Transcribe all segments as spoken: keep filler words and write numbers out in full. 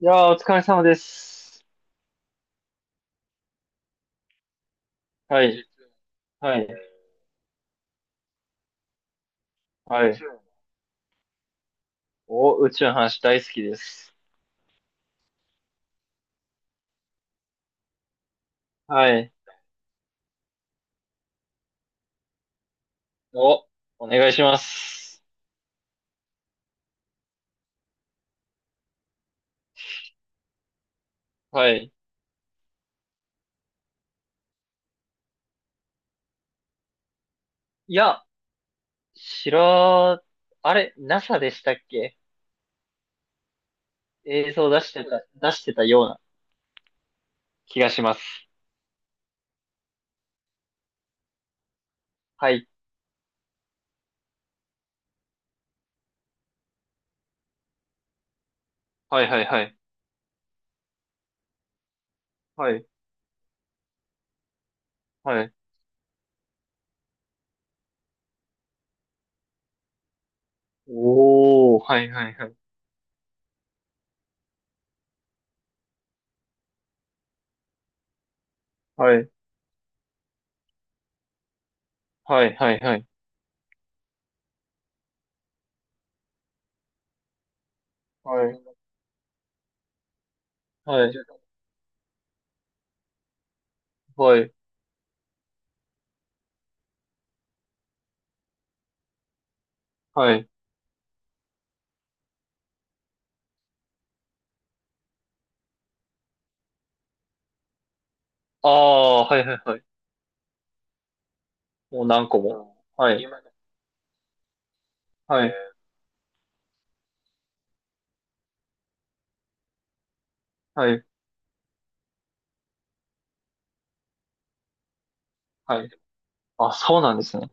いやー、お疲れ様です。はい。はい。はい。お、宇宙の話大好きです。はい。お、お願いします。はい。いや、知ら、あれ、ナサ でしたっけ？映像出してた、出してたような気がします。はい。はいはいはい。はい。はい。おー、はいはいはい。はい。はいはいはい。はい。はい。はい。はい。あー、はいはいはい。もう何個も。はい。はい。はい。はい。あ、そうなんですね。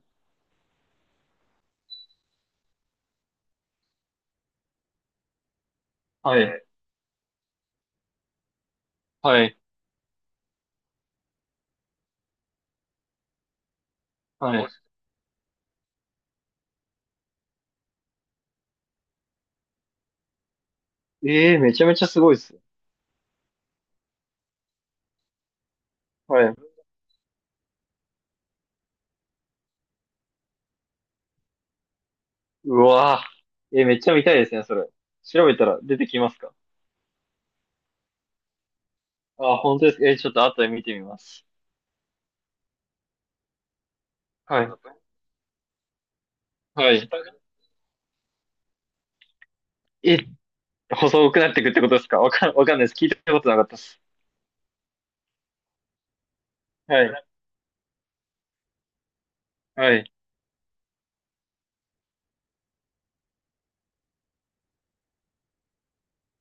はい。え、はい。はもい。し、ええ、めちゃめちゃすごいですね。はい。うわぁ。えー、めっちゃ見たいですね、それ。調べたら出てきますか？あ、本当ですか。えー、ちょっと後で見てみます。はい。はい。え、細くなっていくってことですか？わかん、わかんないです。聞いたことなかったです。はい。はい。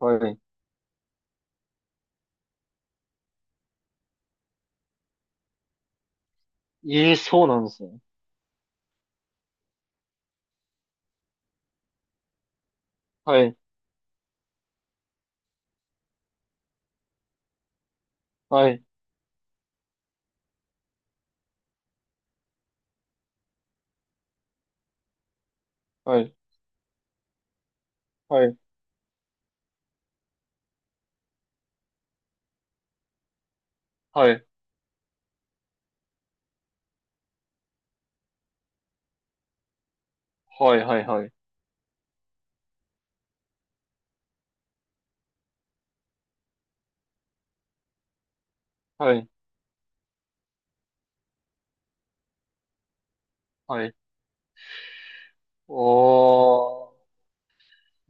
はい。ええ、そうなんですね。はい。はい。はい。はい。はい。はい。はい。はい。はい。はい。おー。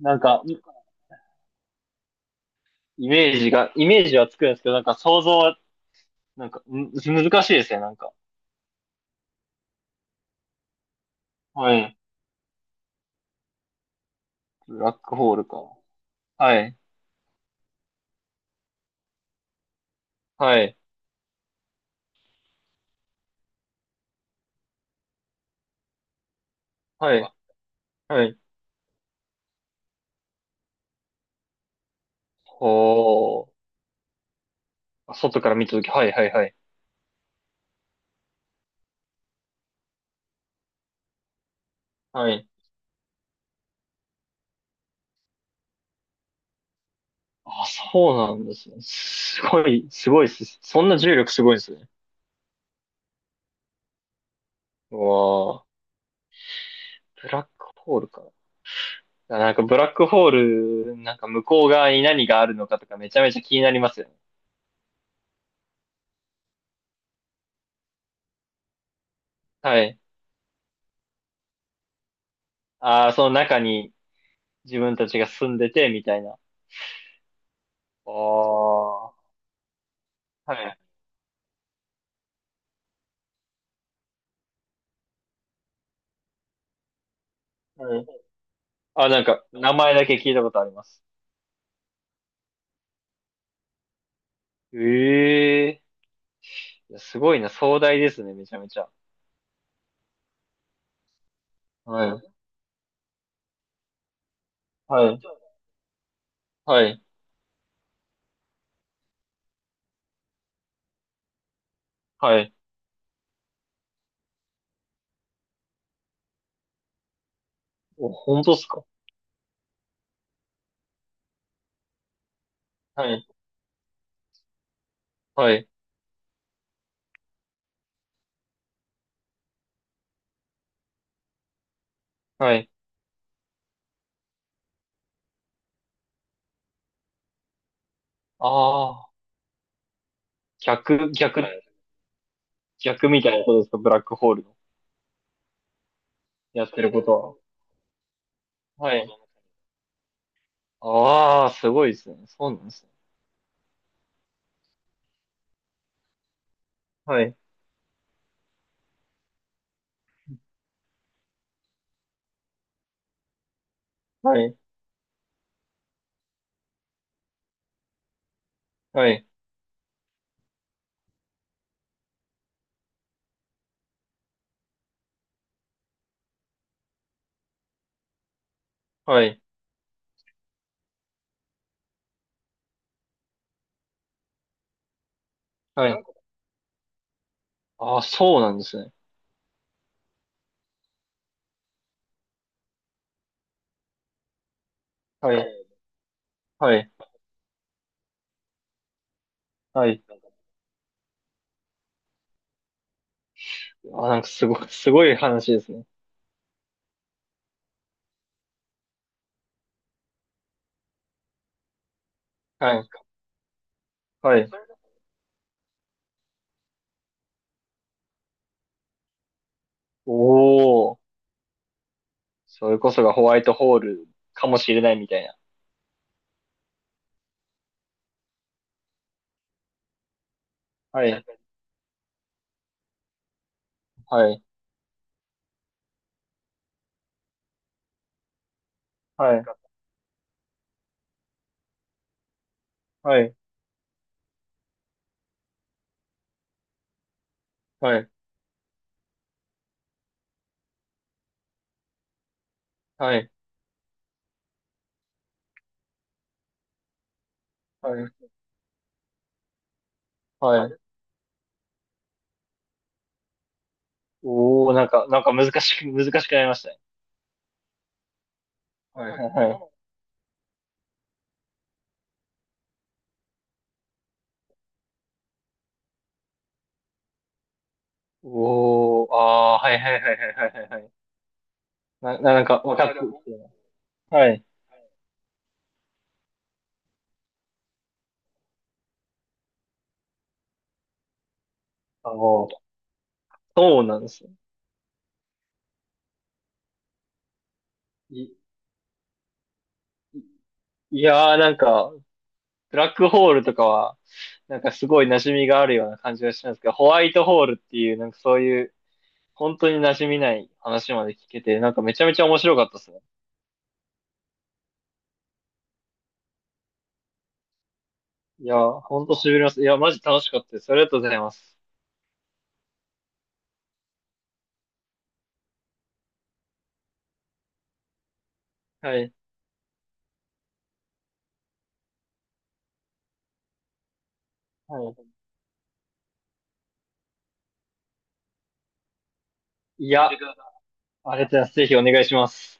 なんか、イメージが、イメージはつくんですけど、なんか想像なんか、ん、難しいですね、なんか。はい。ブラックホールか。はい。はい。はい。はい。ほう、外から見たとき、はい、はい、はい。はい。あ、そうなんですね。すごい、すごいっす。そんな重力すごいですね。うわあ、ブラックホールか。いや、なんかブラックホール、なんか向こう側に何があるのかとかめちゃめちゃ気になりますよね。はい。ああ、その中に自分たちが住んでて、みたいな。ああ、はい。はい。あ、なんか、名前だけ聞いたことあります。え、えーすごいな、壮大ですね、めちゃめちゃ。はい。はい。はい。はい。お、本当っすか？はい。はい。はい。ああ、逆、逆、逆みたいなことですか、ブラックホールの。やってることは。はい。ああ、すごいですね。そうなんですね。はい。はい。はい。はい。はい。ああ、そうなんですね。はい。はい。はい。あ、なんか、すごい、すごい話ですね。はい。はい。おお。それこそがホワイトホールかもしれないみたいな。はい、はい。はい、はい、はい。はい。はい、はい。おお、なんか、なんか難しく、難しくなりましたね。はい、はいはい。おお、ああー、はいはいはいはいはいはい。な、ななんか、わかってきてる。はい、あの、そうなんですよ。い、いやー、なんか、ブラックホールとかは、なんかすごい馴染みがあるような感じがしますけど、ホワイトホールっていう、なんかそういう、本当に馴染みない話まで聞けて、なんかめちゃめちゃ面白かったですね。いや、ほんと痺れます。いや、マジ楽しかったです。ありがとうございます。はい。はい。いや、ありがとうございます。ぜひお願いします。